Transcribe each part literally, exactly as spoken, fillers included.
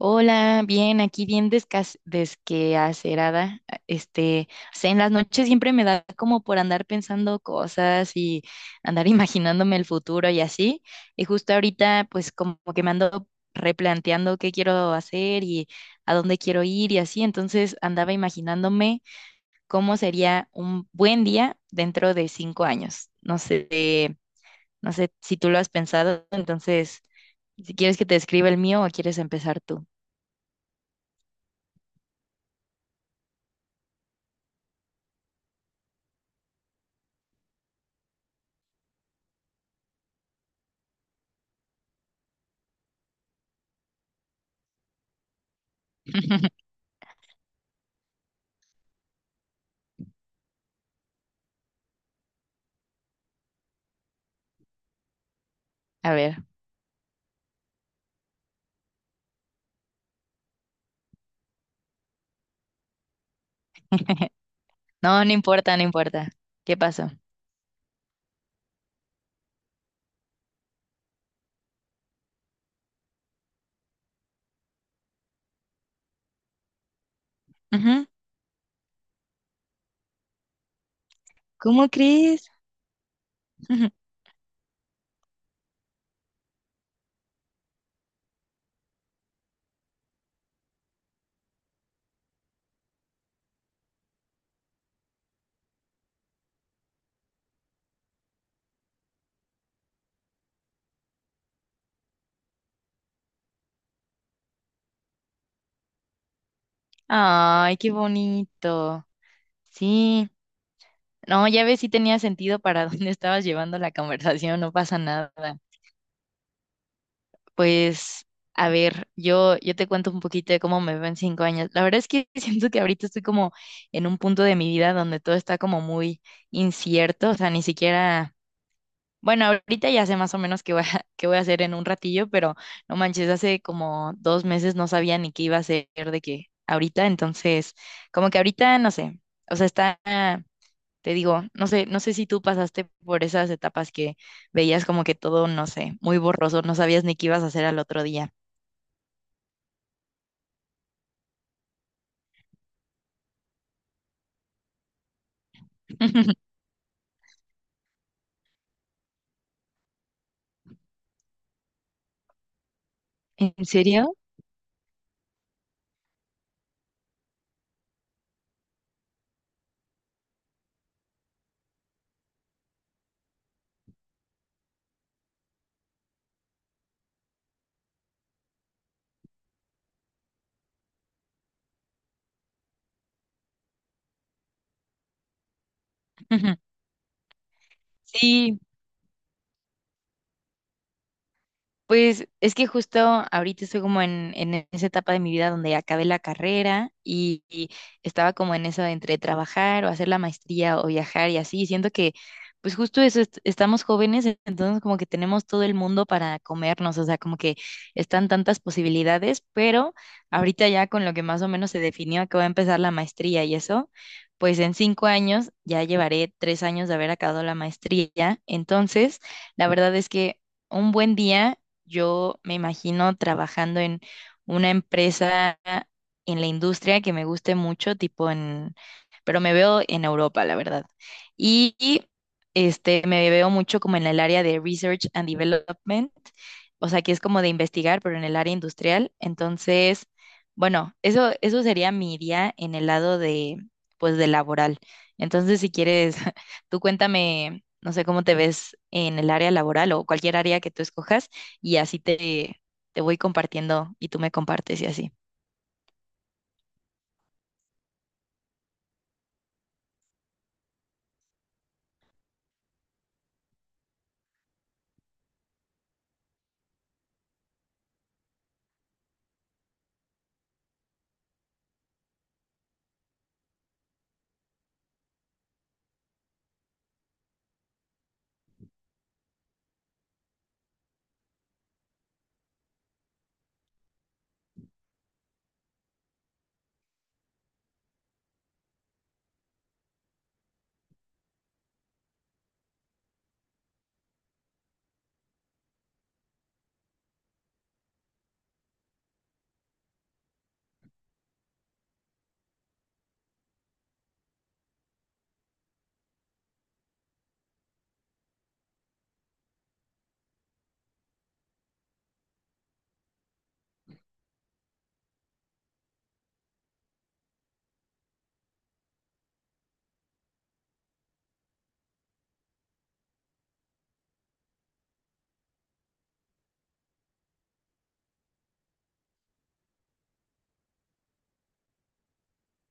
Hola, bien, aquí bien descas- desqueacerada. a- Este, o sea, en las noches siempre me da como por andar pensando cosas y andar imaginándome el futuro y así. Y justo ahorita, pues como que me ando replanteando qué quiero hacer y a dónde quiero ir y así. Entonces andaba imaginándome cómo sería un buen día dentro de cinco años. No sé, no sé si tú lo has pensado, entonces, si quieres que te escriba el mío o quieres empezar tú. A ver. No, no importa, no importa. ¿Qué pasó? Ujú. ¿Cómo crees? Ujú. Ay, qué bonito. Sí. No, ya ves si tenía sentido para dónde estabas llevando la conversación, no pasa nada. Pues, a ver, yo, yo te cuento un poquito de cómo me veo en cinco años. La verdad es que siento que ahorita estoy como en un punto de mi vida donde todo está como muy incierto, o sea, ni siquiera. Bueno, ahorita ya sé más o menos qué voy a, qué voy a hacer en un ratillo, pero no manches, hace como dos meses no sabía ni qué iba a hacer de qué ahorita, entonces, como que ahorita no sé, o sea, está, te digo, no sé, no sé si tú pasaste por esas etapas que veías como que todo, no sé, muy borroso, no sabías ni qué ibas a hacer al otro día. ¿En serio? Sí. Pues es que justo ahorita estoy como en, en e-, esa etapa de mi vida donde acabé la carrera y, y estaba como en eso de entre trabajar o hacer la maestría o viajar y así. Siento que, pues justo eso, est- estamos jóvenes, e- entonces como que tenemos todo el mundo para comernos, o sea, como que están tantas posibilidades, pero ahorita ya con lo que más o menos se definió que voy a empezar la maestría y eso, pues en cinco años ya llevaré tres años de haber acabado la maestría. Entonces, la verdad es que un buen día. Yo me imagino trabajando en una empresa en la industria que me guste mucho, tipo en, pero me veo en Europa, la verdad. Y y, este me veo mucho como en el área de research and development, o sea, que es como de investigar, pero en el área industrial. Entonces, bueno, eso eso sería mi día en el lado de, pues, de laboral. Entonces, si quieres, tú cuéntame, no sé cómo te ves en el área laboral o cualquier área que tú escojas y así te, te voy compartiendo y tú me compartes y así.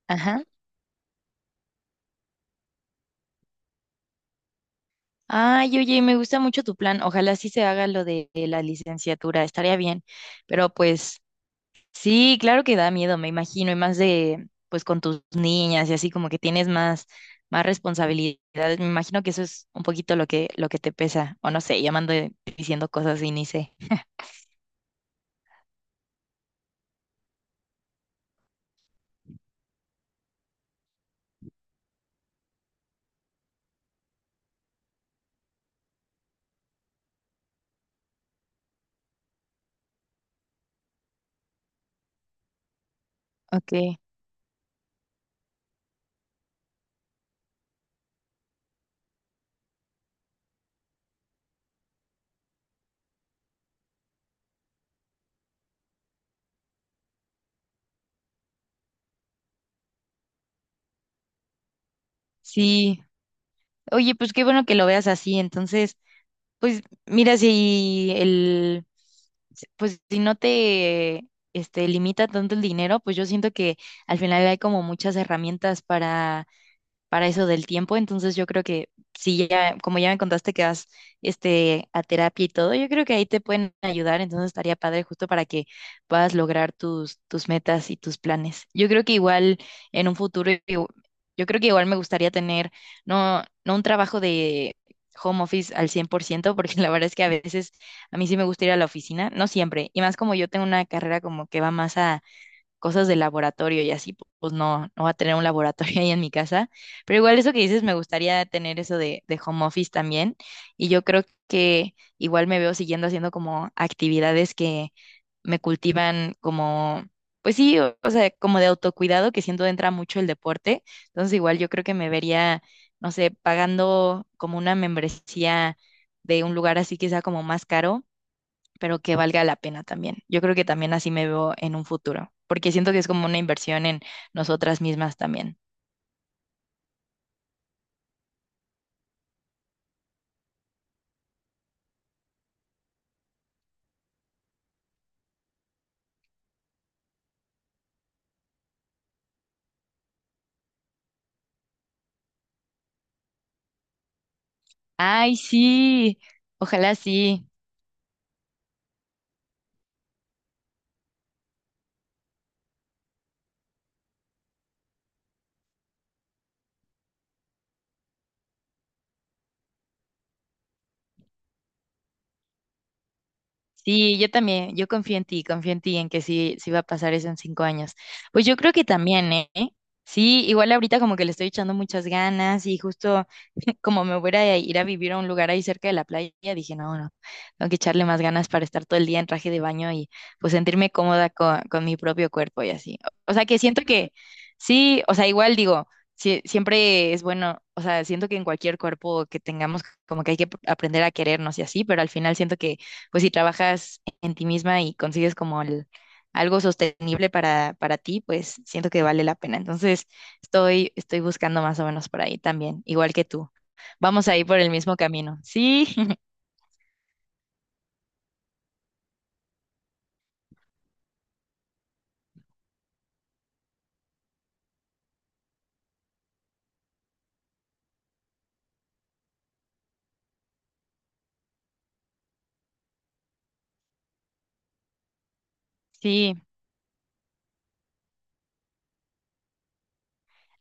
Ajá. Ay, oye, me gusta mucho tu plan. Ojalá sí se haga lo de la licenciatura, estaría bien. Pero pues sí, claro que da miedo, me imagino, y más de, pues con tus niñas y así como que tienes más, más responsabilidades. Me imagino que eso es un poquito lo que, lo que te pesa, o no sé, llamando diciendo cosas y ni sé. Ok, sí. Oye, pues qué bueno que lo veas así. Entonces, pues mira, si el, pues si no te este, limita tanto el dinero, pues yo siento que al final hay como muchas herramientas para para eso del tiempo. Entonces yo creo que si ya, como ya me contaste que vas, este, a terapia y todo, yo creo que ahí te pueden ayudar. Entonces estaría padre justo para que puedas lograr tus, tus metas y tus planes. Yo creo que igual en un futuro, yo, yo creo que igual me gustaría tener, no, no un trabajo de home office al cien por ciento, porque la verdad es que a veces a mí sí me gusta ir a la oficina, no siempre, y más como yo tengo una carrera como que va más cosas de laboratorio y así, pues no, no voy a tener un laboratorio ahí en mi casa. Pero igual eso que dices, me gustaría tener eso de, de home office también. Y yo creo que igual me veo siguiendo haciendo como actividades que me cultivan como, pues sí, o, o sea, como de autocuidado, que siento entra mucho el deporte. Entonces igual yo creo que me vería, no sé, pagando como una membresía de un lugar así que sea como más caro pero que valga la pena también. Yo creo que también así me veo en un futuro, porque siento que es como una inversión en nosotras mismas también. Ay, sí, ojalá sí. Sí, yo también, yo confío en ti, confío en ti, en que sí, sí va a pasar eso en cinco años. Pues yo creo que también, ¿eh? Sí, igual ahorita como que le estoy echando muchas ganas y justo, como me voy a ir a vivir a un lugar ahí cerca de la playa, dije, no, no, tengo que echarle más ganas para estar todo el día en traje de baño y pues sentirme cómoda con, con mi propio cuerpo y así. O sea, que siento que sí, o sea, igual digo, sí, siempre es bueno, o sea, siento que en cualquier cuerpo que tengamos, como que hay que aprender a querernos y así, pero al final siento que pues si trabajas en ti misma y consigues como el algo sostenible para, para ti, pues siento que vale la pena. Entonces, estoy, estoy buscando más o menos por ahí también, igual que tú. Vamos a ir por el mismo camino. Sí, sí.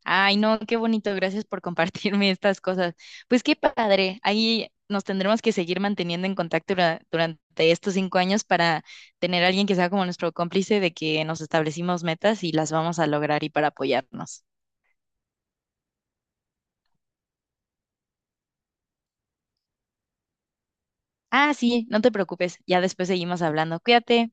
Ay, no, qué bonito. Gracias por compartirme estas cosas. Pues qué padre. Ahí nos tendremos que seguir manteniendo en contacto dura- durante estos cinco años para tener a alguien que sea como nuestro cómplice de que nos establecimos metas y las vamos a lograr y para apoyarnos. Ah, sí, no te preocupes. Ya después seguimos hablando. Cuídate.